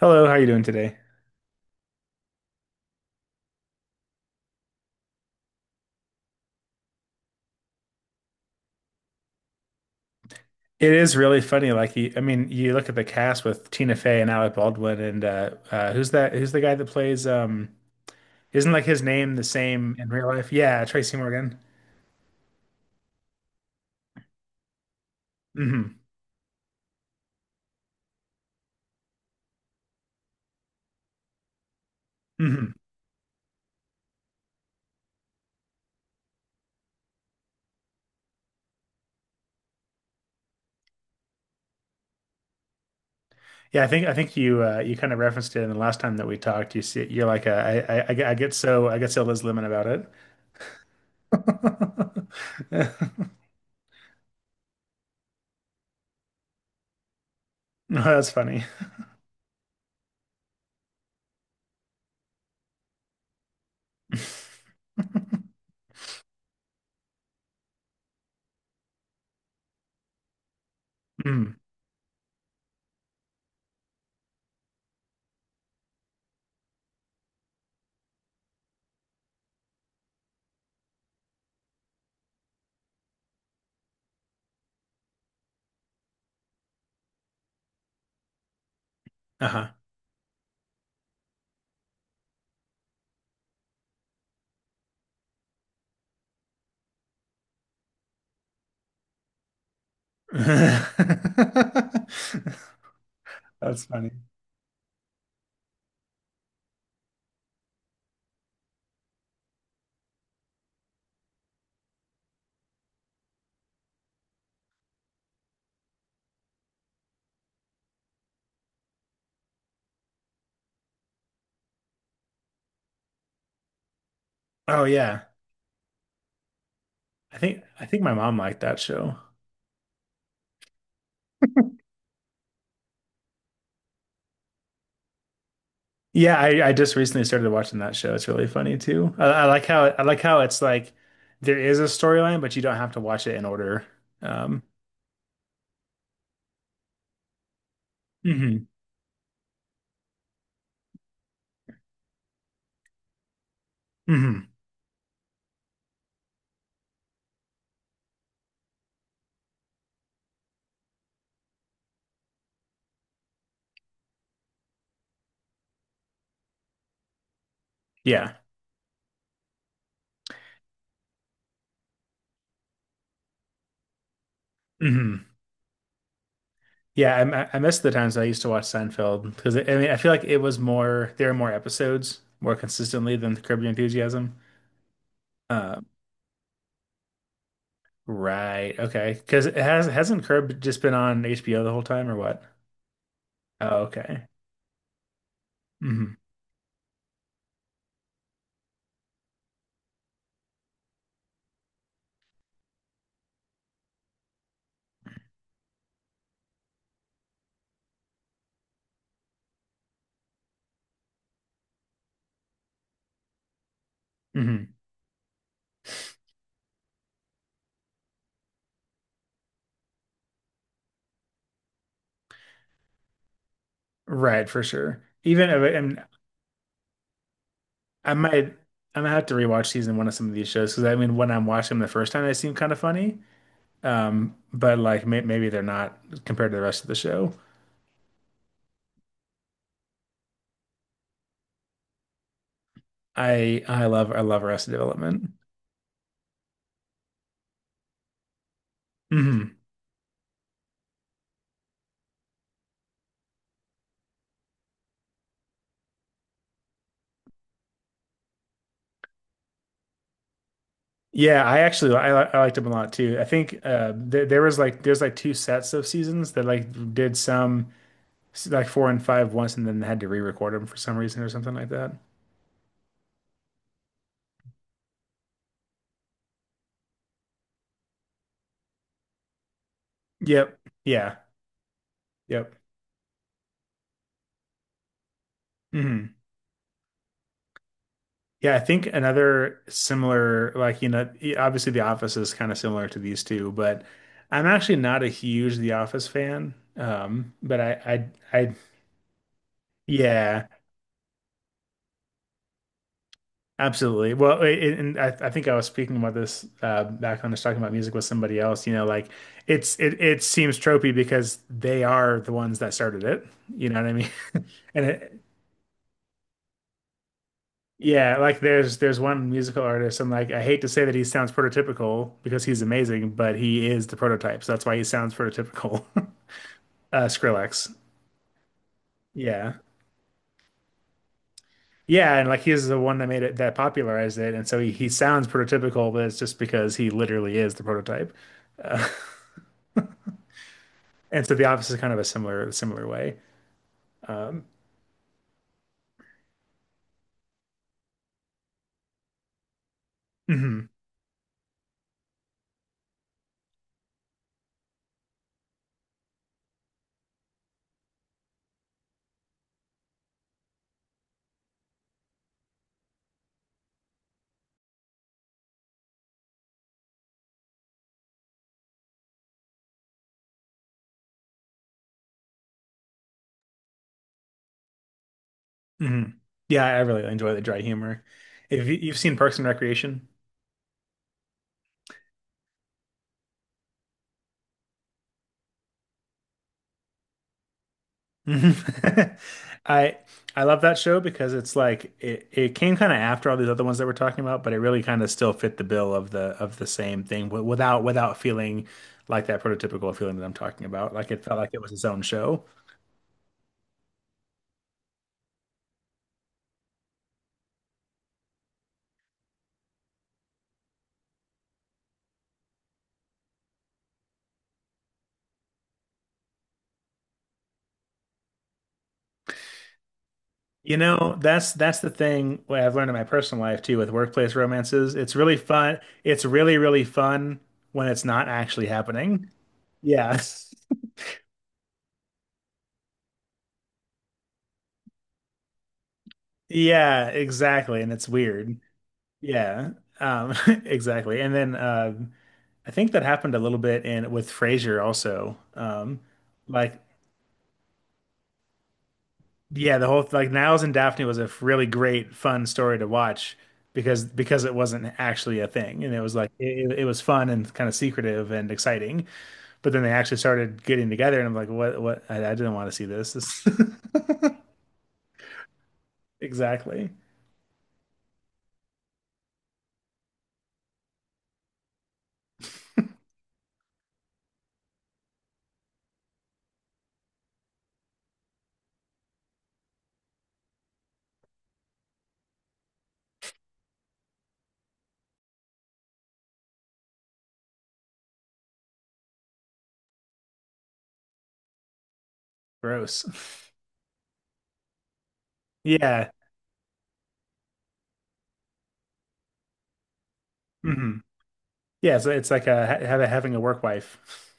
Hello, how are you doing today? It is really funny. Like, you, I mean, you look at the cast with Tina Fey and Alec Baldwin, and who's that? Who's the guy that plays? Isn't like his name the same in real life? Yeah, Tracy Morgan. Hmm. Hmm. Yeah, I think you you kind of referenced it in the last time that we talked. You see, you're like, I get so Liz Lemon about it. No, that's funny. Mm. Uh-huh. That's funny. Oh yeah. I think my mom liked that show. Yeah, I just recently started watching that show. It's really funny too. I like how it's like there is a storyline, but you don't have to watch it in order. Um, hmm. Hmm. Yeah. Hmm. Yeah, I miss the times I used to watch Seinfeld because I mean I feel like it was more there were more episodes more consistently than Curb Your Enthusiasm. Uh, right. Okay. Because it has hasn't Curb just been on HBO the whole time or what? Oh, okay. Hmm. Hmm. Right, for sure. Even if I, and I might have to rewatch season one of some of these shows because I mean when I'm watching them the first time they seem kind of funny. But like maybe they're not compared to the rest of the show. I love Arrested Development. Hmm. Yeah, I actually I, li- I liked them a lot too. I think there was like there's like two sets of seasons that like did some like four and five once and then had to re-record them for some reason or something like that. Yep. Yeah. Yep. Mhm. Yeah, I think another similar, like, you know, obviously The Office is kind of similar to these two, but I'm actually not a huge The Office fan. But I, yeah, absolutely. Well, I think I was speaking about this back when I was talking about music with somebody else. You know, like it it seems tropey because they are the ones that started it. You know what I mean? And it, yeah, like there's one musical artist, and like I hate to say that he sounds prototypical because he's amazing, but he is the prototype, so that's why he sounds prototypical. Skrillex. Yeah. Yeah, and like he's the one that made it that popularized it, and so he sounds prototypical, but it's just because he literally is the prototype. Uh, and so The Office is kind of a similar way. Hmm. Hmm. Yeah, I really enjoy the dry humor. If you've seen Parks and Recreation. Mhm. I I love that show because it's like it came kind of after all these other ones that we're talking about, but it really kind of still fit the bill of the same thing without feeling like that prototypical feeling that I'm talking about. Like it felt like it was its own show. You know, that's the thing what I've learned in my personal life too with workplace romances. It's really fun. It's really, really fun when it's not actually happening. Yeah. Yeah, exactly. And it's weird. Yeah. Um, exactly. And then I think that happened a little bit in with Frasier also. Like yeah, the whole like Niles and Daphne was a really great fun story to watch because it wasn't actually a thing and it was like it was fun and kind of secretive and exciting. But then they actually started getting together and I'm like, what I didn't want to see this. This exactly gross. Yeah. Hmm. Yeah, so it's like having a work wife.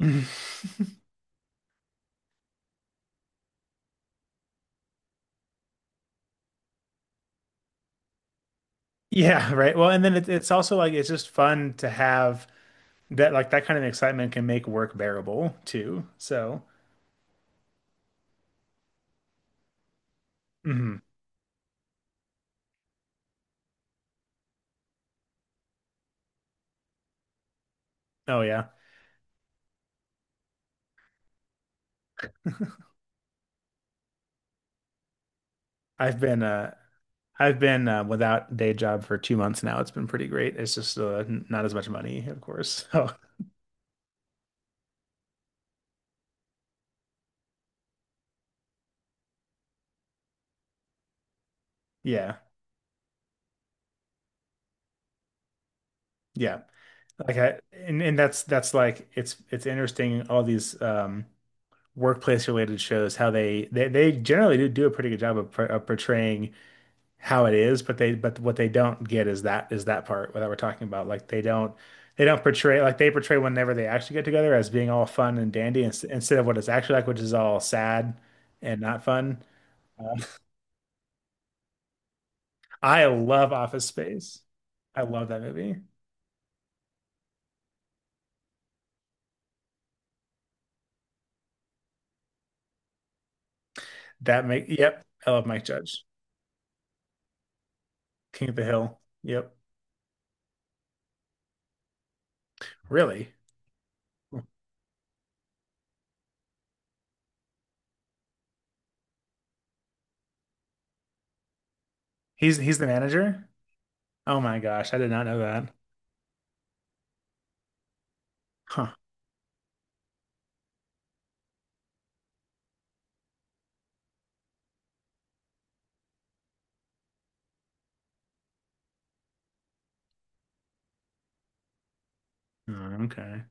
Yeah, right. Well, and then it's also like it's just fun to have that like that kind of excitement can make work bearable too. So, mhm. Oh yeah. I've been uh I've been without day job for 2 months now. It's been pretty great. It's just not as much money, of course. So yeah, yeah. Like I and that's it's interesting all these workplace related shows how they generally do a pretty good job of, portraying how it is, but they but what they don't get is that part that we're talking about. Like they don't portray like they portray whenever they actually get together as being all fun and dandy instead of what it's actually like, which is all sad and not fun. I love Office Space. I love that movie. That make yep, I love Mike Judge. King of the Hill. Yep. Really? He's the manager? Oh my gosh, I did not know that. Huh. Mm, okay.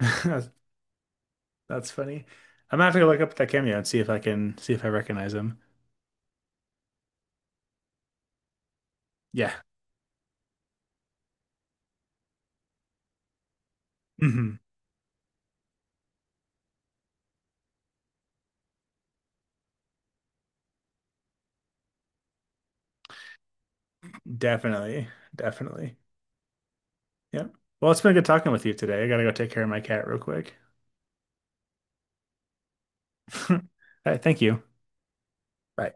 That's, that's funny. I'm gonna have to go look up that cameo and see if I can see if I recognize him. Yeah. Hmm. Definitely. Definitely. Yeah. Well, it's been good talking with you today. I gotta go take care of my cat real quick. All right, thank you. Bye.